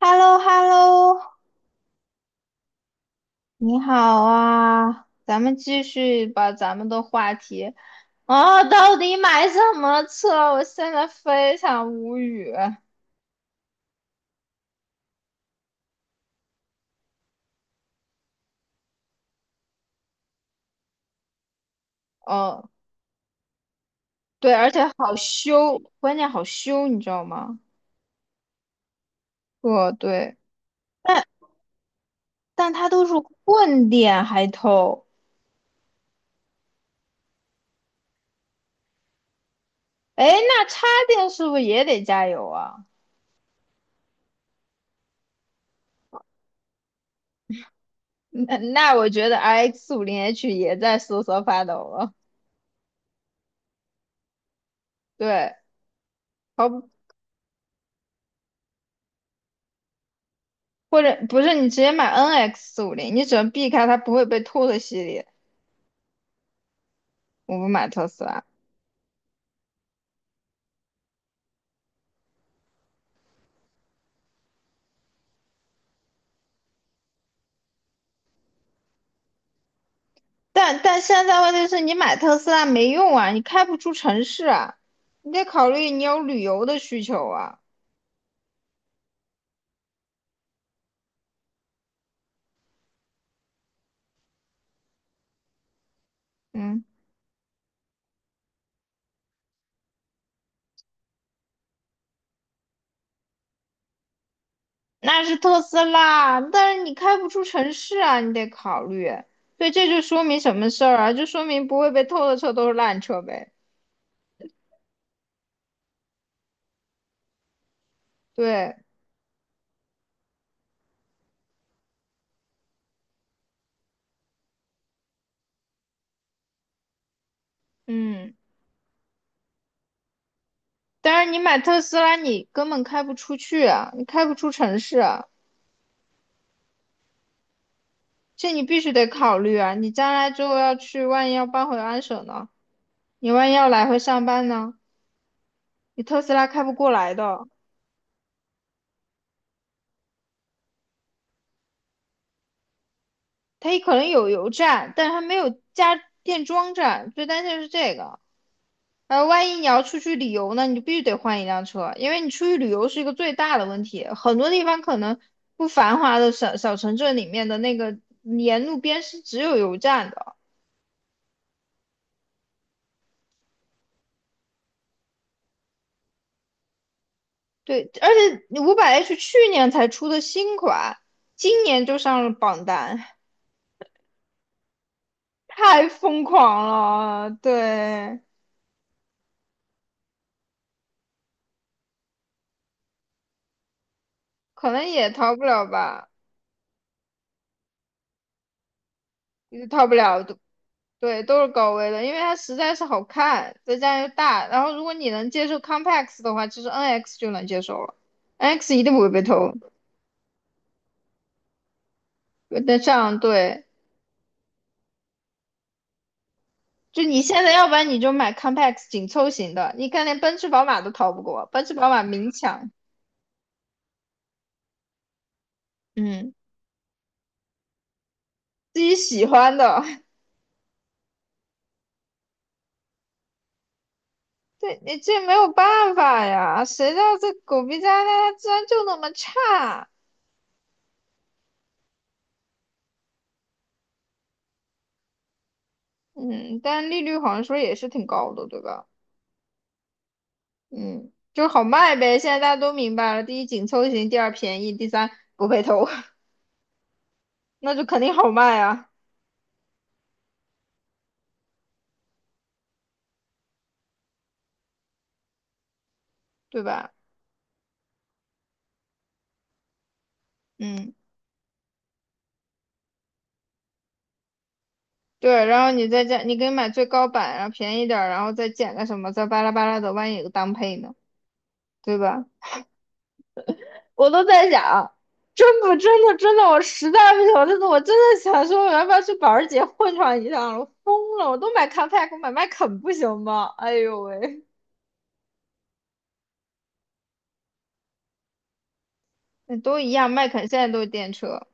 h e l l o h e l l o。 你好啊，咱们继续把咱们的话题。哦，到底买什么车？我现在非常无语。嗯，对，而且好修，关键好修，你知道吗？哦，对，但但它都是混电还偷，哎，那插电是不是也得加油啊？那我觉得 RX 五零 H 也在瑟瑟发抖了。对，好。或者不是你直接买 NX 四五零，你只能避开它不会被偷的系列。我不买特斯拉，但现在问题是你买特斯拉没用啊，你开不出城市啊，你得考虑你有旅游的需求啊。嗯，那是特斯拉，但是你开不出城市啊，你得考虑。对，这就说明什么事儿啊？就说明不会被偷的车都是烂车呗。对，嗯，但是你买特斯拉，你根本开不出去啊，你开不出城市啊。这你必须得考虑啊！你将来之后要去，万一要搬回安省呢？你万一要来回上班呢？你特斯拉开不过来的，它也可能有油站，但是它没有加电桩站，最担心的是这个。万一你要出去旅游呢，你就必须得换一辆车，因为你出去旅游是一个最大的问题。很多地方可能不繁华的小小城镇里面的那个沿路边是只有油站的，对，而且五百 H 去年才出的新款，今年就上了榜单。太疯狂了，对，可能也逃不了吧，也逃不了，对，都是高危的，因为它实在是好看，再加上又大，然后如果你能接受 Compax 的话，其实 NX 就能接受了，NX 一定不会被偷。那这样对，就你现在要不然你就买 Compax 紧凑型的，你看连奔驰、宝马都逃不过，奔驰、宝马明抢，嗯，自己喜欢的。对，你这没有办法呀，谁知道这狗逼家它居然就那么差？嗯，但利率好像说也是挺高的，对吧？嗯，就是好卖呗。现在大家都明白了，第一紧凑型，第二便宜，第三不被偷，那就肯定好卖啊，对吧？嗯，对。然后你再加，你可以买最高版，然后便宜点儿，然后再减个什么，再巴拉巴拉的，万一有个当配呢，对吧？我都在想，真不真的真的，我实在不行，我真的想说，我要不要去保时捷混上一趟了？我疯了，我都买 Compact，我买迈凯不行吗？哎呦喂！那都一样，麦肯现在都是电车，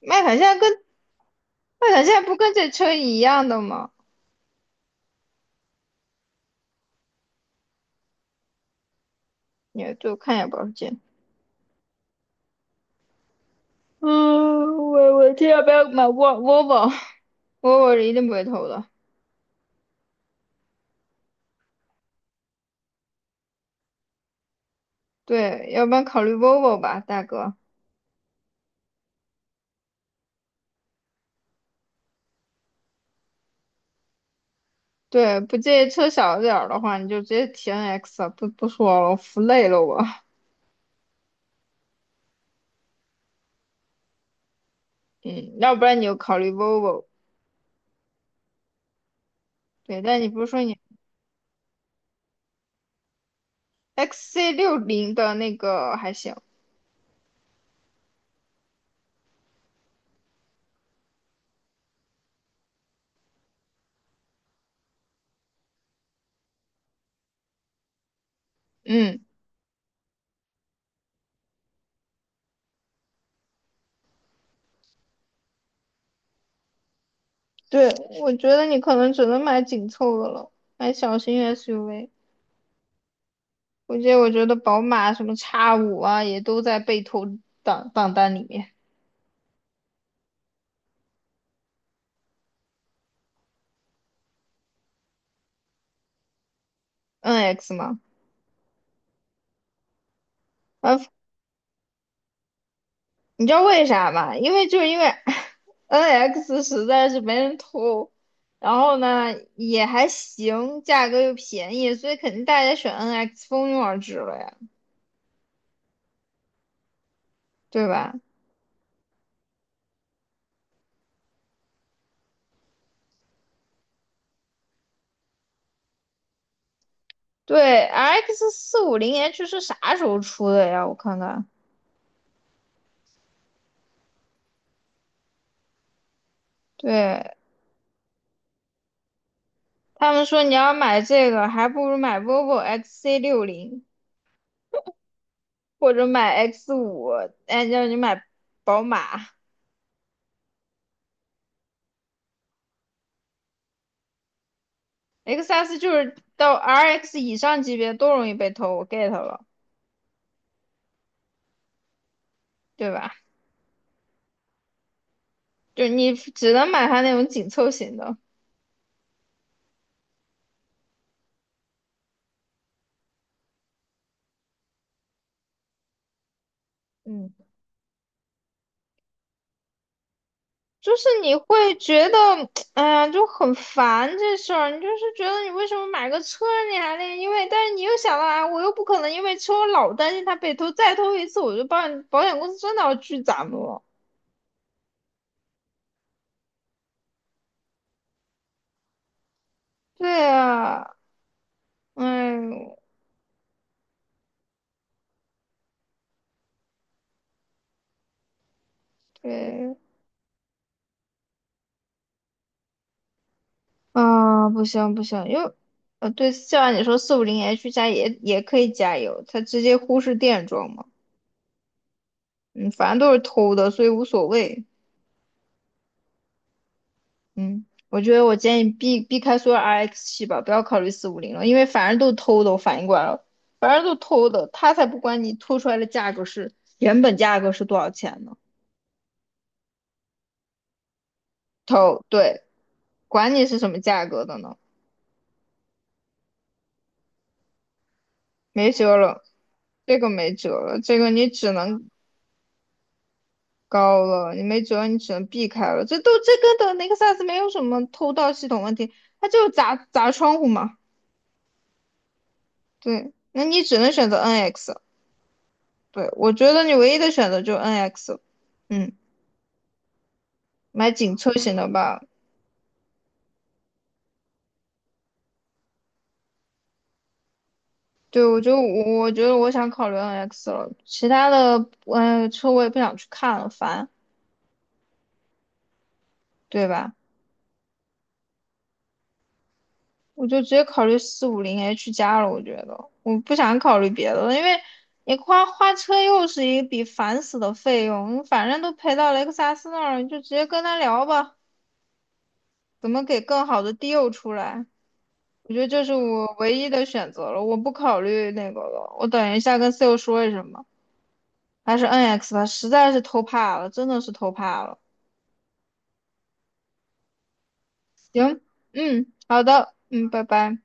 麦肯现在跟麦肯现在不跟这车一样的吗？也就看也不要见。嗯，我这要不要买 v o l v o 是一定不会投的。对，要不然考虑 Volvo 吧，大哥。对，不介意车小点儿的话，你就直接提 NX 了，不说了，我服累了我。嗯，要不然你就考虑 Volvo。对，但你不是说你 x c 六零的那个还行？嗯。对，我觉得你可能只能买紧凑的了，买小型 SUV。我觉得宝马什么叉五啊，也都在被投档榜单里面。NX 嘛，啊，你知道为啥吗？因为就是因为 NX 实在是没人投，然后呢也还行，价格又便宜，所以肯定大家选 NX 蜂拥而至了呀，对吧？对，RX 四五零 H 是啥时候出的呀？我看看，对，他们说你要买这个，还不如买 vivo XC 六零或者买 X 五，哎，让你买宝马 X S，就是到 RX 以上级别都容易被偷，我 get 了，对吧？就你只能买它那种紧凑型的，嗯，就是你会觉得，哎呀，就很烦这事儿，你就是觉得你为什么买个车你还那个，因为，但是你又想到，啊，我又不可能因为车我老担心它被偷，再偷一次我就保险公司真的要拒咱们了。对啊，哎呦，对啊，不行不行，因为对，就像你说四五零 H 加也可以加油，它直接忽视电装嘛，嗯，反正都是偷的，所以无所谓，嗯，我觉得我建议避避开所有 RX 七吧，不要考虑四五零了，因为反正都是偷的，我反应过来了，反正都偷的，他才不管你偷出来的价格是原本价格是多少钱呢，偷，对，管你是什么价格的呢，没辙了。这个没辙了，这个你只能高了，你没辙，你只能避开了。这都这跟的雷克萨斯没有什么偷盗系统问题，它就是砸砸窗户嘛。对，那你只能选择 NX。对，我觉得你唯一的选择就是 NX。嗯，买紧凑型的吧。对，我觉得我想考虑 NX 了，其他的车我也不想去看了，烦，对吧？我就直接考虑四五零 H 加了，我觉得我不想考虑别的了，因为你花车又是一笔烦死的费用，反正都赔到雷克萨斯那儿了，你就直接跟他聊吧，怎么给更好的 deal 出来？我觉得这是我唯一的选择了，我不考虑那个了，我等一下跟 sale 说一声吧，还是 NX 吧，实在是偷怕了，真的是偷怕了。行，嗯，好的，嗯，拜拜。